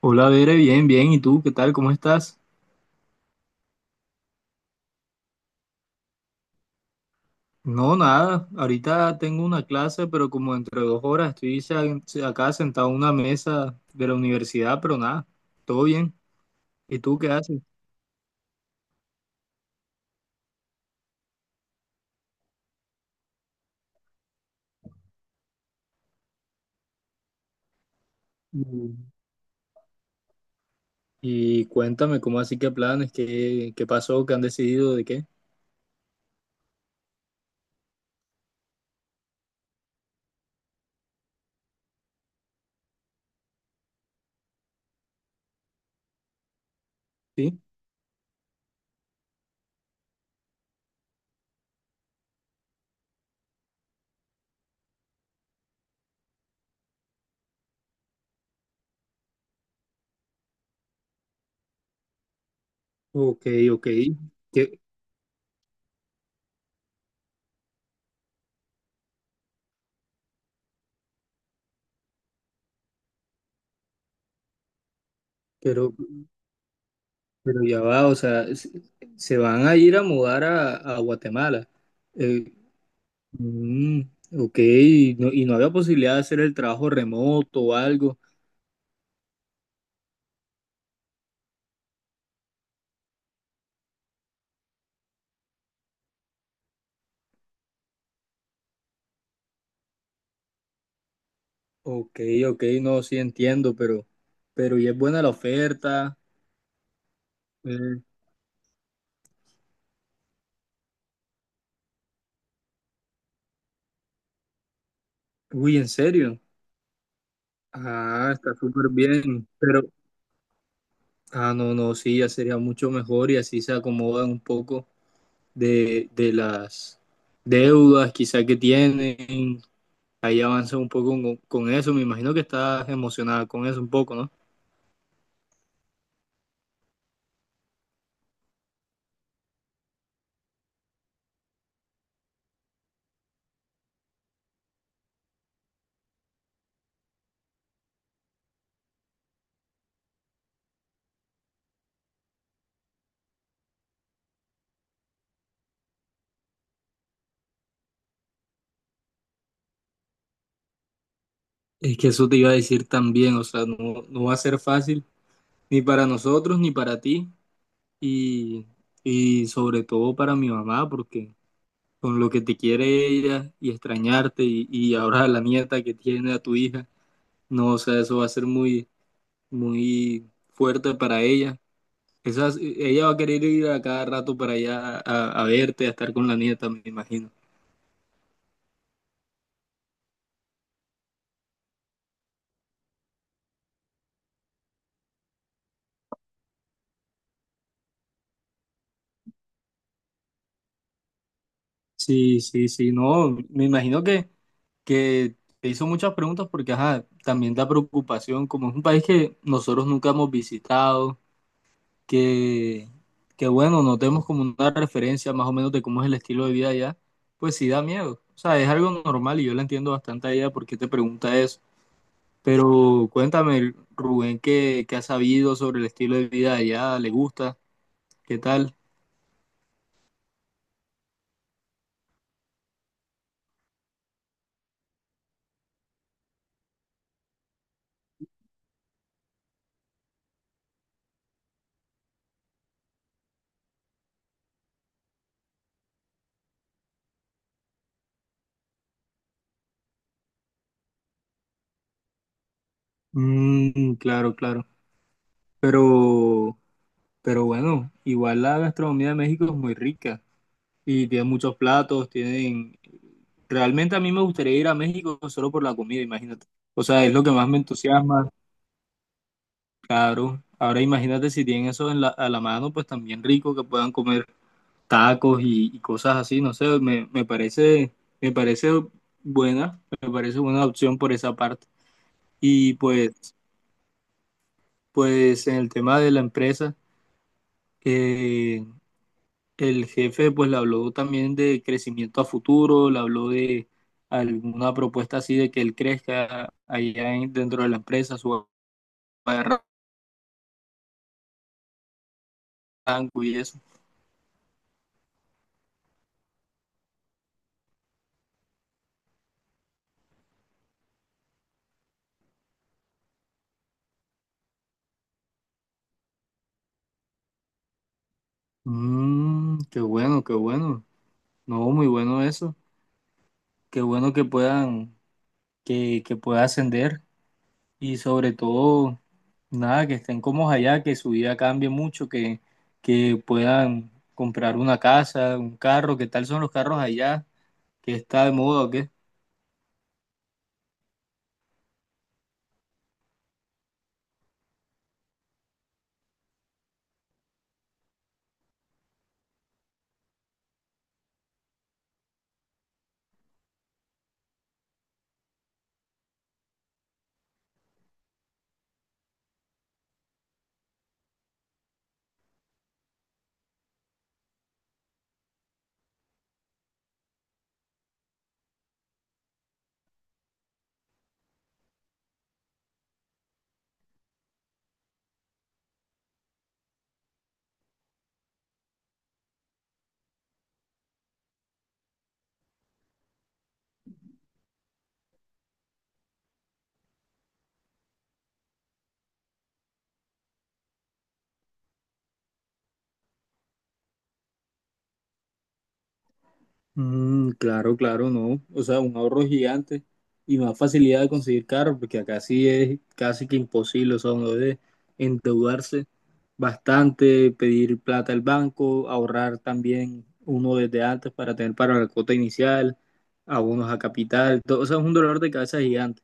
Hola, Bere, bien, bien. ¿Y tú qué tal? ¿Cómo estás? No, nada. Ahorita tengo una clase, pero como entre dos horas estoy acá sentado en una mesa de la universidad, pero nada, todo bien. ¿Y tú qué haces? Mm. Y cuéntame, ¿cómo así que planes? ¿Qué pasó? ¿Qué han decidido? ¿De qué? Sí. Ok, ok. Que- pero, pero ya va, o sea, se van a ir a mudar a Guatemala. Eh, Mm, ok, y no había posibilidad de hacer el trabajo remoto o algo. Ok, ok, no, sí entiendo, pero y es buena la oferta. eh, Uy, ¿en serio? Ah, está súper bien. Pero, ah, no, no, sí, ya sería mucho mejor y así se acomodan un poco de las deudas quizá que tienen. Ahí avanza un poco con eso. Me imagino que estás emocionada con eso un poco, ¿no? Es que eso te iba a decir también, o sea, no, no va a ser fácil ni para nosotros, ni para ti, y, y sobre todo para mi mamá, porque con lo que te quiere ella y extrañarte, y ahora la nieta que tiene a tu hija, no, o sea, eso va a ser muy, muy fuerte para ella. Esas, ella va a querer ir a cada rato para allá a verte, a estar con la nieta, me imagino. Sí, sí, sí, no, me imagino que te hizo muchas preguntas porque, ajá, también da preocupación, como es un país que nosotros nunca hemos visitado que, que bueno, notemos como una referencia más o menos de cómo es el estilo de vida allá, pues sí da miedo. O sea, es algo normal y yo la entiendo bastante a ella porque te pregunta eso. Pero cuéntame, Rubén, ¿qué has sabido sobre el estilo de vida allá? ¿Le gusta? ¿Qué tal? Mm, claro, claro. Pero, pero bueno, igual la gastronomía de México es muy rica y tiene muchos platos, tienen... Realmente a mí me gustaría ir a México solo por la comida, imagínate. O sea, es lo que más me entusiasma. Claro, ahora imagínate si tienen eso en la, a la mano, pues también rico que puedan comer tacos y cosas así, no sé, me parece, me parece me parece buena opción por esa parte. Y pues, pues en el tema de la empresa, eh, el jefe pues le habló también de crecimiento a futuro, le habló de alguna propuesta así de que él crezca allá dentro de la empresa, su rango y eso. Mm, qué bueno, qué bueno. No, muy bueno eso. Qué bueno que puedan, que pueda ascender y sobre todo, nada, que estén cómodos allá, que su vida cambie mucho, que puedan comprar una casa, un carro. ¿Qué tal son los carros allá? ¿Qué está de moda o qué? Mm, claro, claro, no. O sea, un ahorro gigante y más facilidad de conseguir carro, porque acá sí es casi que imposible, o sea, uno debe endeudarse bastante, pedir plata al banco, ahorrar también uno desde antes para tener para la cuota inicial, abonos a capital, todo, o sea, es un dolor de cabeza gigante.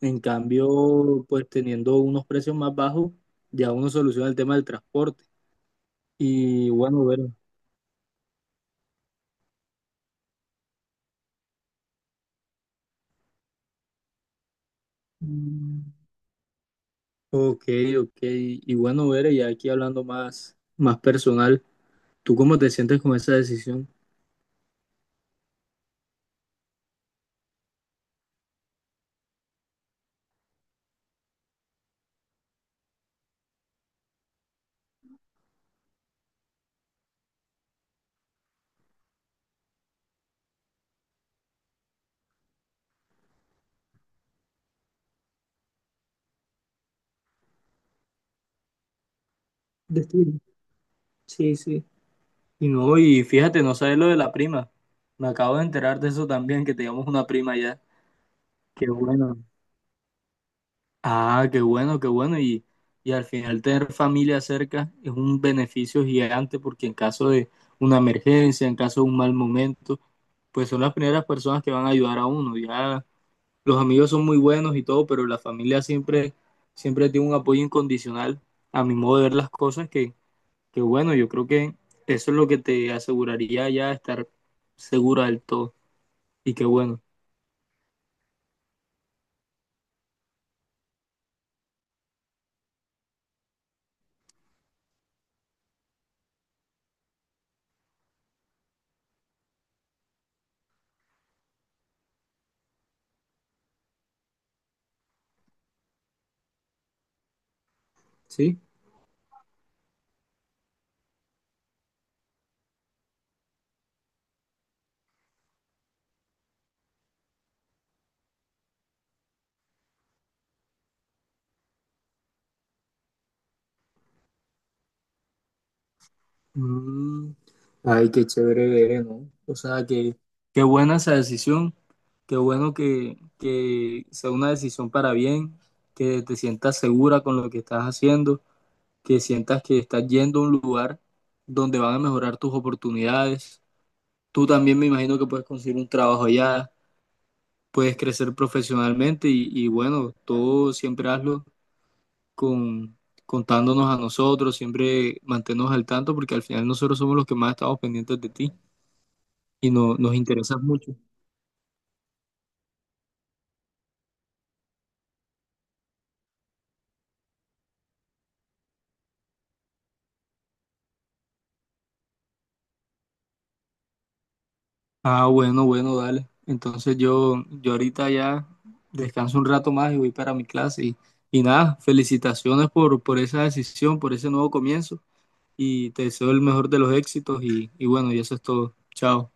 En cambio, pues teniendo unos precios más bajos, ya uno soluciona el tema del transporte. Y bueno, ver. Mm. Ok, ok. Y bueno, ver, ya aquí hablando más, más personal, ¿tú cómo te sientes con esa decisión? Destino. Sí, sí. Y no, y fíjate, no sabes lo de la prima. Me acabo de enterar de eso también, que teníamos una prima ya. Qué bueno. Ah, qué bueno, qué bueno. Y al final tener familia cerca es un beneficio gigante porque en caso de una emergencia, en caso de un mal momento, pues son las primeras personas que van a ayudar a uno. Ya los amigos son muy buenos y todo, pero la familia siempre, siempre tiene un apoyo incondicional a mi modo de ver las cosas que bueno, yo creo que eso es lo que te aseguraría ya estar segura del todo. Y qué bueno, ¿sí? Mm, ay, qué chévere ver, ¿no? O sea, que, qué buena esa decisión, qué bueno que sea una decisión para bien, que te sientas segura con lo que estás haciendo, que sientas que estás yendo a un lugar donde van a mejorar tus oportunidades. Tú también me imagino que puedes conseguir un trabajo allá, puedes crecer profesionalmente y bueno, todo siempre hazlo con, contándonos a nosotros, siempre mantenernos al tanto porque al final nosotros somos los que más estamos pendientes de ti. Y no, nos interesa mucho. Ah, bueno, bueno, dale. Entonces yo ahorita ya descanso un rato más y voy para mi clase. Y nada, felicitaciones por esa decisión, por ese nuevo comienzo. Y te deseo el mejor de los éxitos. Y bueno, y eso es todo. Chao.